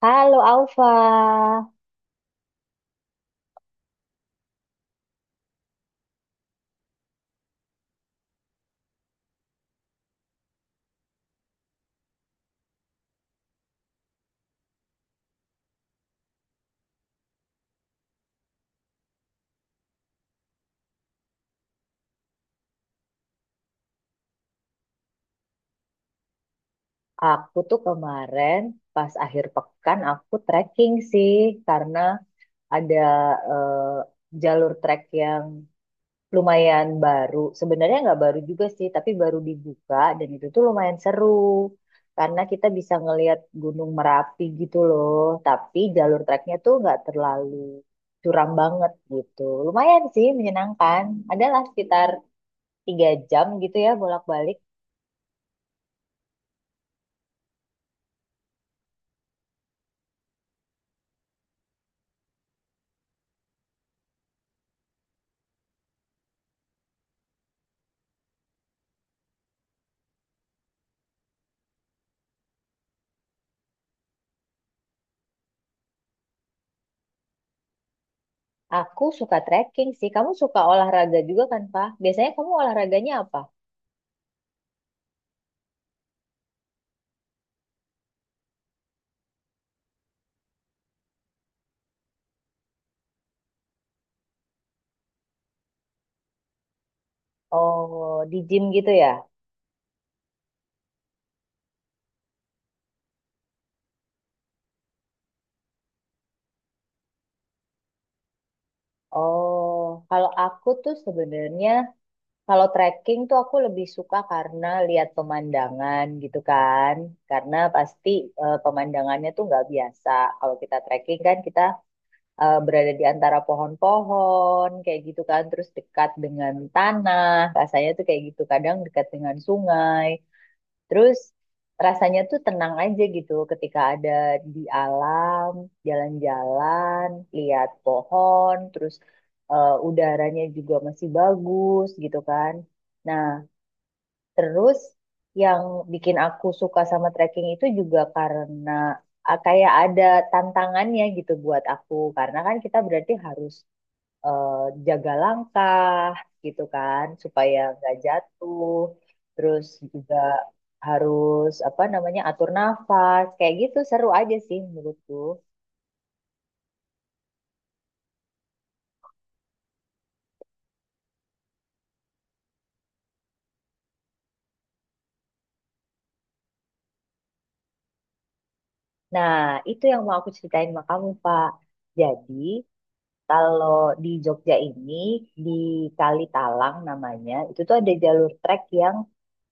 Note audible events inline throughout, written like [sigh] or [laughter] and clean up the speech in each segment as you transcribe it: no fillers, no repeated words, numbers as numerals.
Halo Alfa, aku tuh kemarin pas akhir pekan aku trekking sih karena ada eh, jalur trek yang lumayan baru. Sebenarnya nggak baru juga sih, tapi baru dibuka dan itu tuh lumayan seru karena kita bisa ngelihat Gunung Merapi gitu loh. Tapi jalur treknya tuh nggak terlalu curam banget gitu. Lumayan sih menyenangkan. Adalah sekitar 3 jam gitu ya bolak-balik. Aku suka trekking sih. Kamu suka olahraga juga kan, Pak? Biasanya kamu olahraganya apa? Oh, di gym gitu ya? Oh, kalau aku tuh sebenarnya kalau trekking tuh aku lebih suka karena lihat pemandangan gitu kan. Karena pasti pemandangannya tuh nggak biasa. Kalau kita trekking kan kita berada di antara pohon-pohon kayak gitu kan. Terus dekat dengan tanah. Rasanya tuh kayak gitu. Kadang dekat dengan sungai. Terus rasanya tuh tenang aja gitu ketika ada di alam, jalan-jalan, lihat pohon, terus udaranya juga masih bagus gitu kan. Nah, terus yang bikin aku suka sama trekking itu juga karena ah, kayak ada tantangannya gitu buat aku. Karena kan kita berarti harus eh, jaga langkah gitu kan supaya nggak jatuh terus juga harus apa namanya atur nafas kayak gitu seru aja sih menurutku. Nah itu yang mau aku ceritain sama kamu Pak, jadi kalau di Jogja ini di Kali Talang namanya itu tuh ada jalur trek yang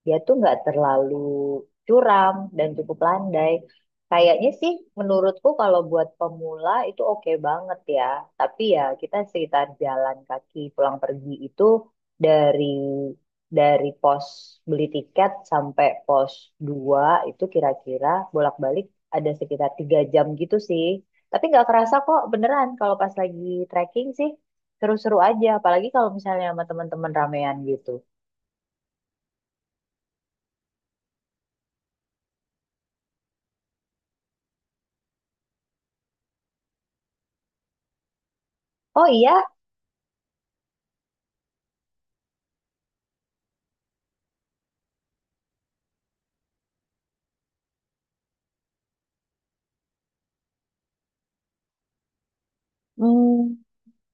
dia tuh nggak terlalu curam dan cukup landai. Kayaknya sih menurutku kalau buat pemula itu oke banget ya. Tapi ya kita sekitar jalan kaki pulang pergi itu dari pos beli tiket sampai pos 2 itu kira-kira bolak-balik ada sekitar 3 jam gitu sih. Tapi nggak kerasa kok beneran kalau pas lagi trekking sih seru-seru aja. Apalagi kalau misalnya sama teman-teman ramean gitu. Oh iya. Hmm,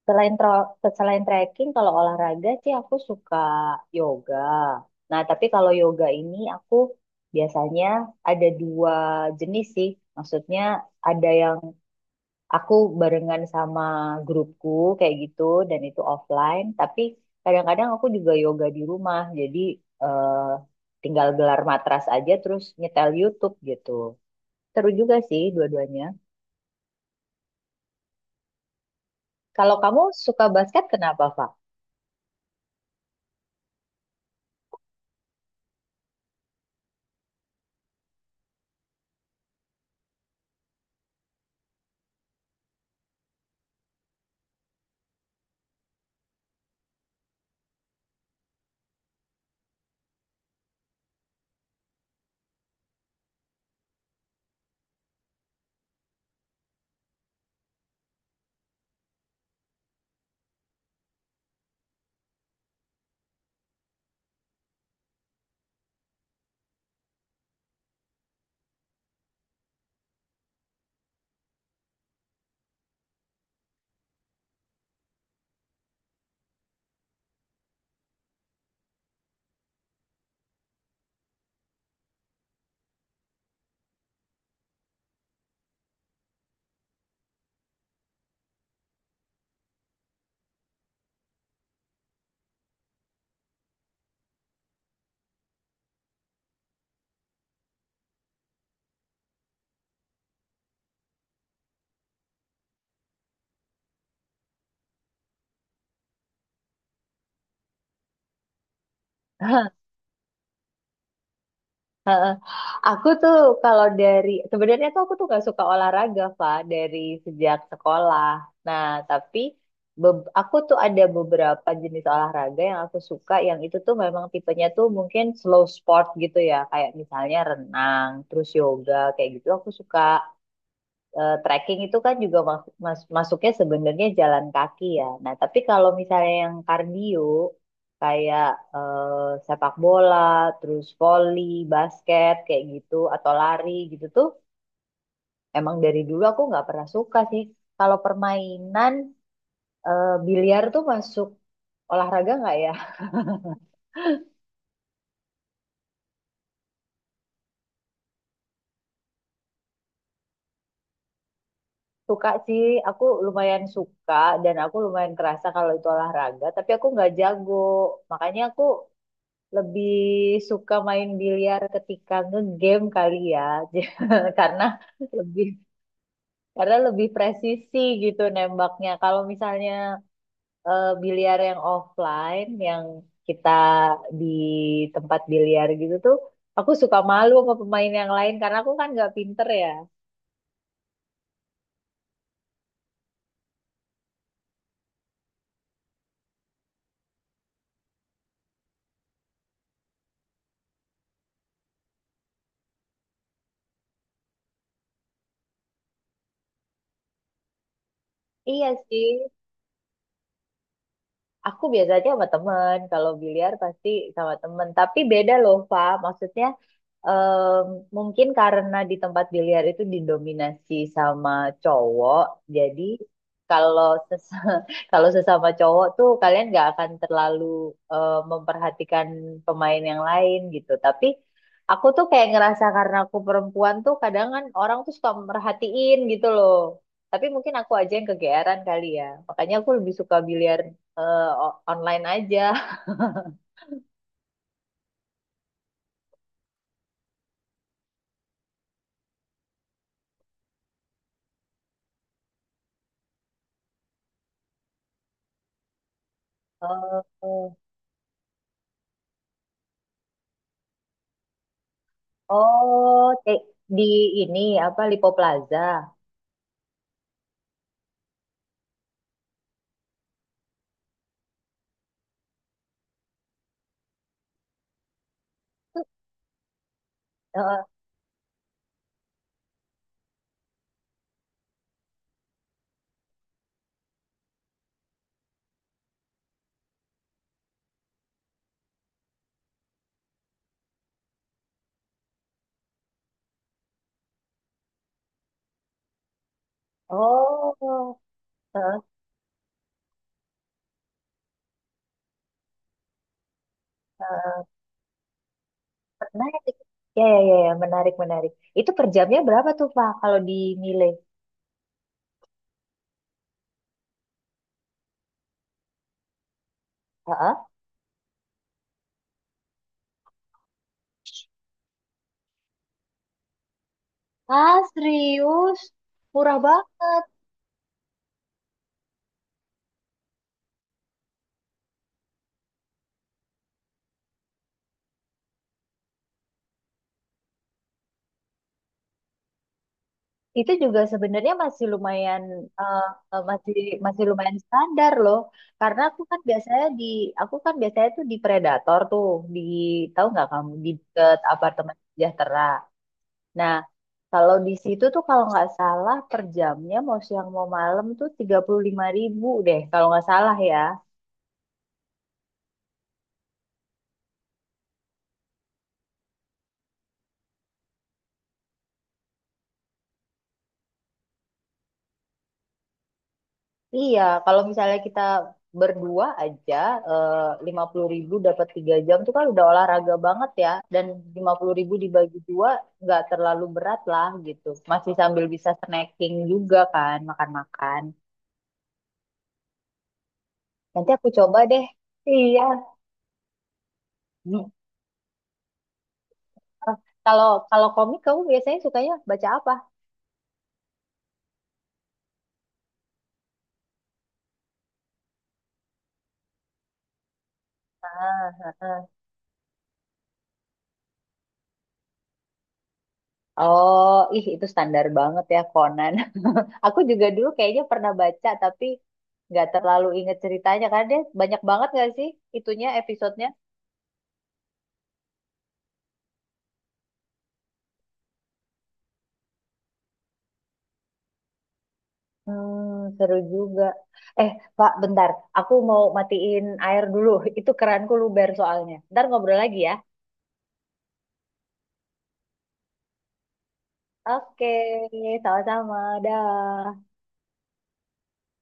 Selain selain trekking, kalau olahraga sih aku suka yoga. Nah, tapi kalau yoga ini aku biasanya ada dua jenis sih. Maksudnya ada yang aku barengan sama grupku kayak gitu dan itu offline. Tapi kadang-kadang aku juga yoga di rumah. Jadi eh, tinggal gelar matras aja terus nyetel YouTube gitu. Seru juga sih dua-duanya. Kalau kamu suka basket, kenapa, Pak? Aku tuh kalau dari sebenarnya tuh aku tuh gak suka olahraga, Fa, dari sejak sekolah. Nah, tapi aku tuh ada beberapa jenis olahraga yang aku suka, yang itu tuh memang tipenya tuh mungkin slow sport gitu ya, kayak misalnya renang, terus yoga, kayak gitu aku suka, trekking itu kan juga masuknya sebenarnya jalan kaki ya. Nah, tapi kalau misalnya yang kardio kayak sepak bola, terus voli, basket kayak gitu atau lari gitu tuh emang dari dulu aku nggak pernah suka sih. Kalau permainan, biliar tuh masuk olahraga nggak ya? [laughs] Suka sih, aku lumayan suka dan aku lumayan kerasa kalau itu olahraga, tapi aku nggak jago. Makanya aku lebih suka main biliar ketika ngegame kali ya. [laughs] J- karena lebih karena lebih presisi gitu nembaknya kalau misalnya biliar yang offline yang kita di tempat biliar gitu tuh aku suka malu sama pemain yang lain karena aku kan nggak pinter ya. Iya sih. Aku biasanya sama temen, kalau biliar pasti sama temen. Tapi beda loh, Pak. Maksudnya mungkin karena di tempat biliar itu didominasi sama cowok, jadi kalau ses- [laughs] kalau sesama cowok tuh kalian nggak akan terlalu memperhatikan pemain yang lain gitu. Tapi aku tuh kayak ngerasa karena aku perempuan tuh kadang kan orang tuh suka merhatiin gitu loh. Tapi mungkin aku aja yang kegeeran kali ya. Makanya aku lebih suka biliar online aja. [laughs] Oh, oh, di ini apa Lipo Plaza. Eh, oh, eh, eh, menarik. Ya, ya, ya, ya, menarik, menarik. Itu per jamnya berapa tuh, Pak, kalau di Mile? Heeh. Ah, serius? Murah banget. Itu juga sebenarnya masih lumayan, eh, eh, masih masih lumayan standar loh, karena aku kan biasanya tuh di Predator tuh di, tahu nggak kamu, di deket apartemen sejahtera. Nah kalau di situ tuh kalau nggak salah per jamnya mau siang mau malam tuh 35.000 deh kalau nggak salah ya. Iya, kalau misalnya kita berdua aja eh, 50.000 dapat 3 jam tuh kan udah olahraga banget ya. Dan 50.000 dibagi dua nggak terlalu berat lah gitu. Masih sambil bisa snacking juga kan, makan-makan. Nanti aku coba deh. Iya. Hmm. Kalau kalau komik kamu biasanya sukanya baca apa? Ah, ah, ah. Oh, ih itu standar banget ya Conan. [laughs] Aku juga dulu kayaknya pernah baca tapi nggak terlalu inget ceritanya karena dia banyak banget nggak sih itunya episodenya. Seru juga. Eh, Pak, bentar. Aku mau matiin air dulu. [laughs] Itu keranku luber soalnya. Ntar ngobrol lagi ya. Oke, sama-sama. Dah.